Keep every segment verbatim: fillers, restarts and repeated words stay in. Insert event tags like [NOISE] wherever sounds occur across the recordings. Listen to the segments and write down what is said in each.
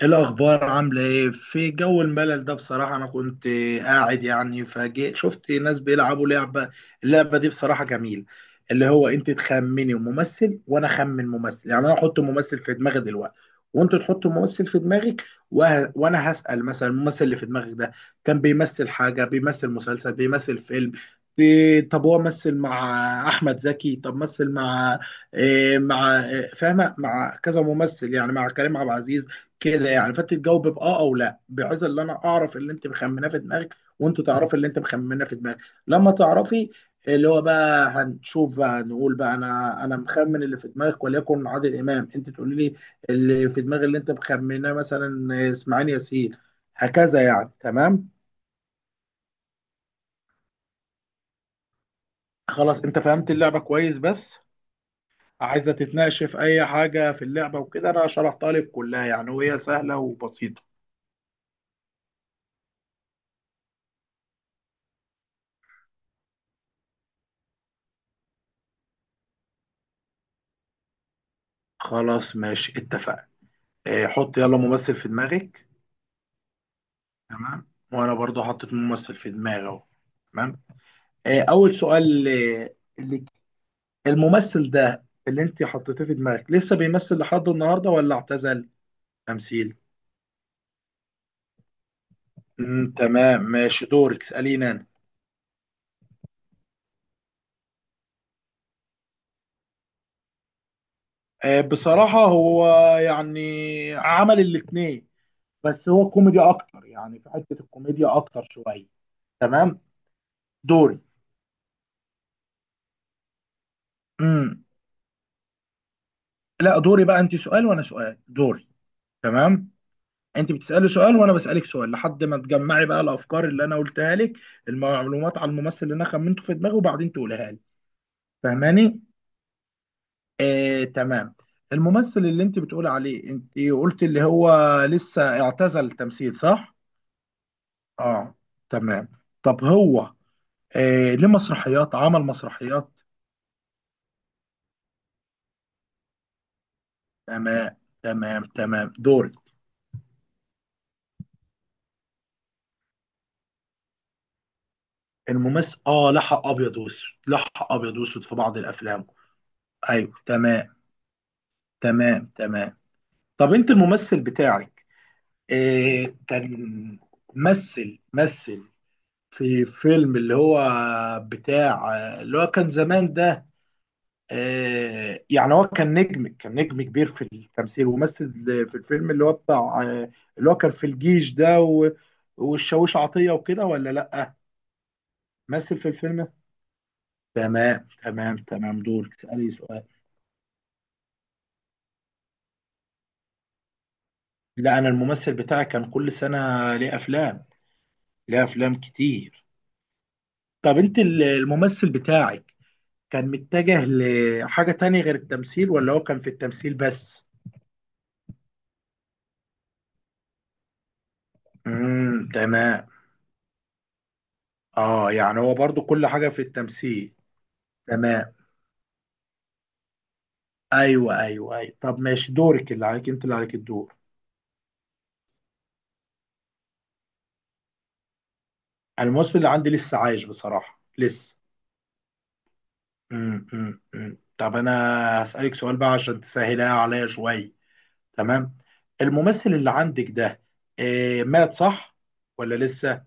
ايه الاخبار؟ عامله ايه في جو الملل ده؟ بصراحه انا كنت قاعد يعني فجأة شفت ناس بيلعبوا لعبه. اللعبه دي بصراحه جميل. اللي هو انت تخمني ممثل وانا اخمن ممثل، يعني انا احط ممثل في دماغي دلوقتي وانت تحط ممثل في دماغك. وه... وانا هسأل مثلا الممثل اللي في دماغك ده كان بيمثل حاجه، بيمثل مسلسل، بيمثل فيلم. بي... طب هو مثل مع احمد زكي؟ طب مثل مع إيه؟ مع إيه فاهمه، مع كذا ممثل يعني مع كريم عبد العزيز كده؟ يعني فانت تجاوب باه او لا، بحيث ان انا اعرف اللي انت مخمناه في دماغك وانت تعرفي اللي انت مخمناه في دماغك. لما تعرفي اللي هو بقى، هنشوف بقى، نقول بقى انا انا مخمن اللي في دماغك وليكن عادل امام. انت تقولي لي اللي في دماغ اللي انت مخمناه مثلا اسماعيل ياسين. هكذا يعني. تمام. خلاص انت فهمت اللعبه كويس؟ بس عايزه تتناقش في اي حاجه في اللعبه وكده؟ انا شرحتها لك كلها يعني، وهي سهله وبسيطه. خلاص ماشي اتفقنا. اه، حط يلا ممثل في دماغك. تمام. وانا برضو حطيت ممثل في دماغي اهو. تمام. آه، اول سؤال، آه، اللي الممثل ده اللي انت حطيته في دماغك لسه بيمثل لحد النهارده ولا اعتزل تمثيل مم، تمام ماشي دورك اساليني انا. آه، بصراحه هو يعني عمل الاتنين، بس هو كوميدي اكتر، يعني في حته الكوميديا اكتر شويه. تمام دوري. مم. لا دوري، بقى انت سؤال وانا سؤال. دوري. تمام. انت بتسالي سؤال وانا بسالك سؤال لحد ما تجمعي بقى الافكار اللي انا قلتها لك، المعلومات عن الممثل اللي انا خمنته في دماغي، وبعدين تقولها لي. فاهماني؟ آه تمام. الممثل اللي انت بتقولي عليه انت قلت اللي هو لسه اعتزل التمثيل، صح؟ اه تمام. طب هو آه ليه مسرحيات، عمل مسرحيات. تمام تمام تمام دوري. الممثل اه لحق ابيض واسود، لحق ابيض واسود في بعض الافلام. ايوه تمام. تمام تمام. طب انت الممثل بتاعك إيه كان مثل مثل في فيلم اللي هو بتاع اللي هو كان زمان ده. إيه يعني هو كان نجم كان نجم كبير في التمثيل ومثل في الفيلم اللي هو بتاع، آه، اللي هو كان في الجيش ده و- والشاويش عطية وكده ولا لأ؟ مثل في الفيلم. تمام تمام تمام دورك اسألي سؤال. لا أنا الممثل بتاعي كان كل سنة ليه أفلام، ليه أفلام كتير. طب أنت ال- الممثل بتاعك كان متجه لحاجة تانية غير التمثيل ولا هو كان في التمثيل بس؟ امم تمام. اه يعني هو برضو كل حاجة في التمثيل. تمام ايوه ايوه ايوه. طب ماشي دورك اللي عليك، انت اللي عليك الدور. الممثل اللي عندي لسه عايش بصراحة، لسه. امم امم أمم. طب انا هسألك سؤال بقى عشان تسهلها عليا شوية. تمام. الممثل اللي عندك ده إيه مات صح ولا لسه؟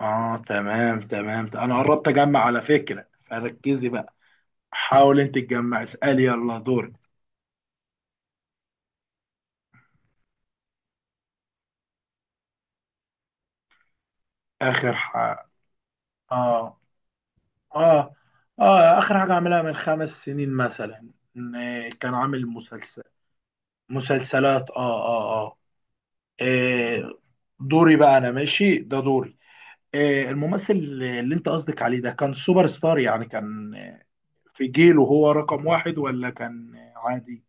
اه تمام تمام. انا قربت اجمع على فكرة فركزي بقى. حاول انت تجمع اسألي يلا دورك. اخر حاجة، اه اه اه اخر حاجة عملها من خمس سنين مثلا. إن كان عامل مسلسل، مسلسلات. اه اه اه آه، دوري بقى انا ماشي ده دوري. آه الممثل اللي انت قصدك عليه ده كان سوبر ستار، يعني كان، آه، في جيله هو رقم واحد ولا كان آه، عادي؟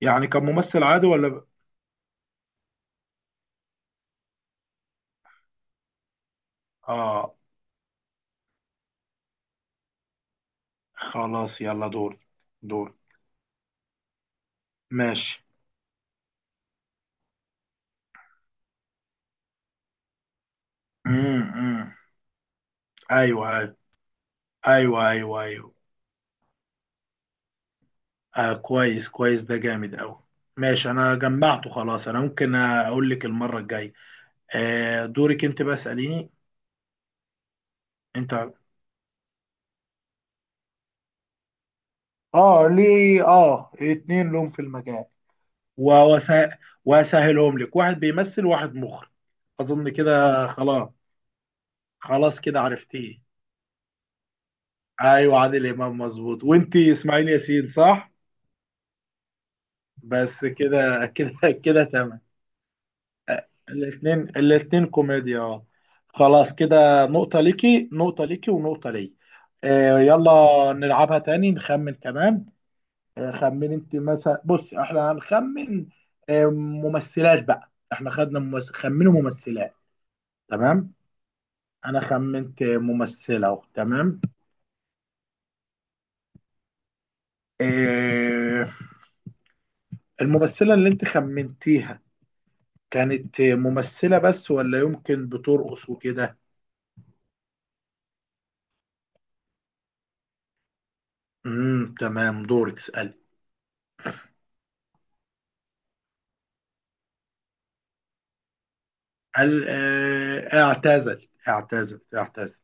يعني كان ممثل عادي ولا ب... اه خلاص يلا دوري. دوري ماشي. امم ايوه ايوه ايوه ايوه. آه كويس كويس ده جامد قوي. ماشي انا جمعته خلاص، انا ممكن اقول لك المره الجايه. آه دورك انت بقى اساليني انت. اه ليه اه اتنين لهم في المجال. وأسه- واسهلهم لك، واحد بيمثل وواحد مخرج. اظن كده خلاص. خلاص كده عرفتيه. ايوه عادل امام مظبوط، وانت اسماعيل ياسين صح. بس كده كده كده تمام. الاثنين الاثنين كوميديا اه. خلاص كده، نقطة ليكي، نقطة ليكي، ونقطة لي. آه يلا نلعبها تاني نخمن كمان. آه خمن انت مثلا بص احنا هنخمن. آه ممثلات بقى، احنا خدنا ممثل، خمنوا ممثلات. تمام. انا خمنت ممثلة اهو. تمام. آه الممثلة اللي انت خمنتيها كانت ممثلة بس ولا يمكن بترقص وكده؟ امم تمام دورك اسألي. قال آه، اعتزل اعتزل اعتزل.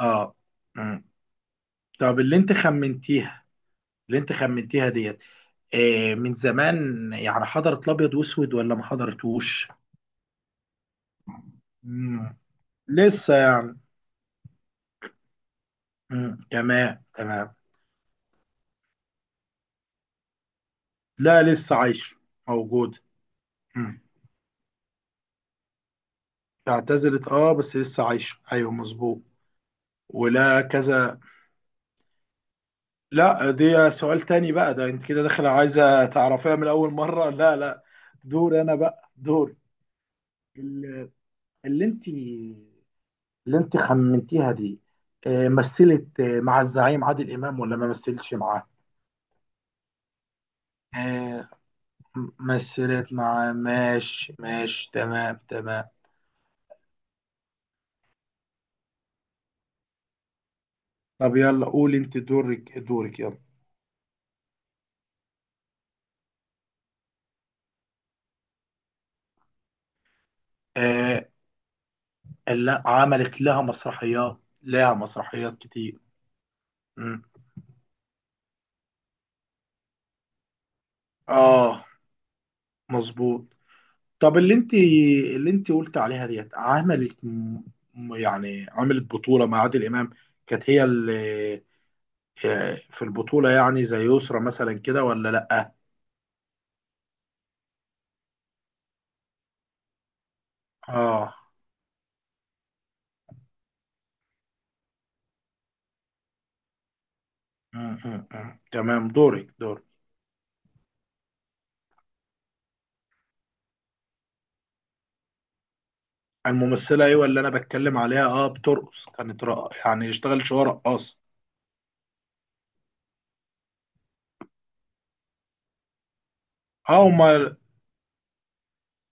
اه مم. طب اللي انت خمنتيها، اللي انت خمنتيها ديت آه، من زمان، يعني حضرت الابيض واسود ولا ما حضرتوش؟ مم. لسه يعني. مم. تمام تمام. لا لسه عايش موجود. مم. اعتزلت اه بس لسه عايش ايوه مظبوط. ولا كذا؟ لا دي سؤال تاني بقى ده، انت كده داخله عايزه تعرفيها من اول مره. لا لا. دور انا بقى، دور. اللي انت اللي انت خمنتيها دي آه، مثلت آه، مع الزعيم عادل امام ولا ما مثلتش معاه؟ آه، مثلت معاه. ماشي ماشي تمام تمام. طب يلا قولي انت دورك دورك يلا. آه، اللي عملت لها مسرحيات، لها مسرحيات كتير. مم. اه مظبوط. طب اللي انت اللي انت قلت عليها ديت عملت م- م- يعني عملت بطولة مع عادل امام، كانت هي اللي في البطولة يعني زي يسرا مثلا كده ولا لأ؟ اه م- م- م. تمام دورك دورك. الممثلة، ايوه، اللي انا بتكلم عليها اه بترقص، كانت رق... يعني اشتغلت شوية رقاصة. اه امال.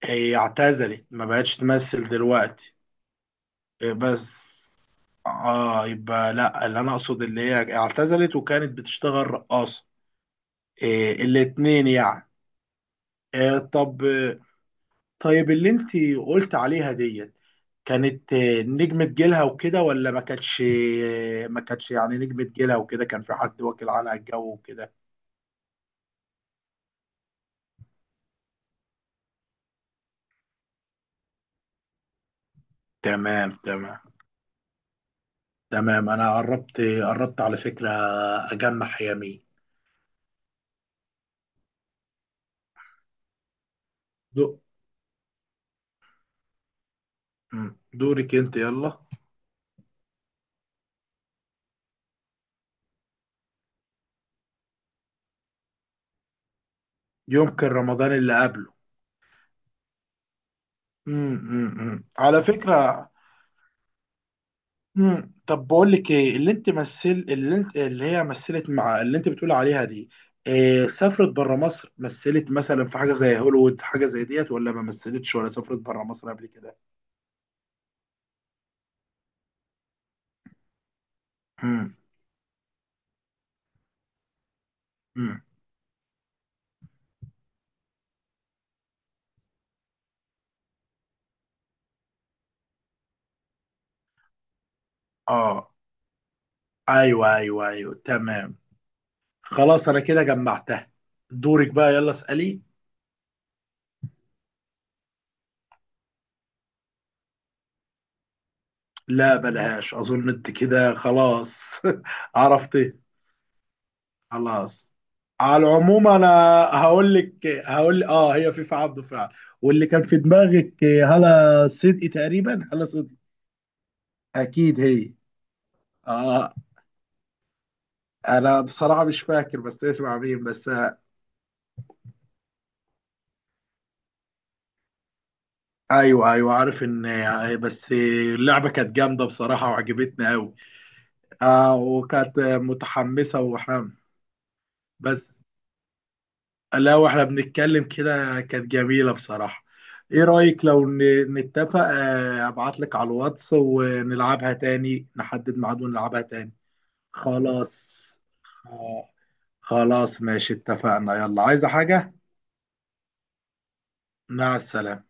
هي اعتزلت ما بقتش تمثل دلوقتي. إيه بس. اه يبقى لا، اللي انا اقصد اللي هي اعتزلت وكانت بتشتغل رقاصة. إيه الاتنين يعني. إيه طب. طيب اللي انت قلت عليها ديت كانت آه، نجمة جيلها وكده ولا ما كانتش؟ آه، ما كانتش يعني نجمة جيلها وكده، كان في حد واكل عنها الجو وكده. تمام تمام تمام. انا قربت، قربت على فكرة اجمع يمين. دو مم. دورك انت يلا. يمكن رمضان اللي قبله. مم. مم. مم. على فكرة. مم. طب بقول لك ايه، اللي انت مثل اللي انت اللي هي مثلت مع اللي انت بتقول عليها دي، إيه سافرت بره مصر، مثلت مثلا في حاجه زي هوليوود حاجه زي ديت، ولا ما مثلتش، ولا سافرت بره مصر قبل كده؟ مم. مم. اه ايوه ايوه ايوه تمام. خلاص انا كده جمعتها. دورك بقى يلا اسالي. لا بلاش، اظن انت كده خلاص. [LAUGHS] عرفت. خلاص، على العموم انا هقول لك، هقول اه هي فيفا عبده فعلا. واللي كان في دماغك هلا صدقي تقريبا، هلا صدقي. اكيد هي. اه انا بصراحه مش فاكر بس ايش مع مين بس. آه ايوه ايوه عارف ان، آه، بس آه، اللعبه كانت جامده بصراحه وعجبتني قوي. آه وكانت آه، متحمسه وحام. بس لا، واحنا بنتكلم كده كانت جميلة بصراحة. ايه رأيك لو ن- نتفق، آه، ابعت لك على الواتس ونلعبها تاني، نحدد ميعاد ونلعبها تاني. خلاص. آه، خلاص ماشي اتفقنا، يلا عايزة حاجة؟ مع السلامة.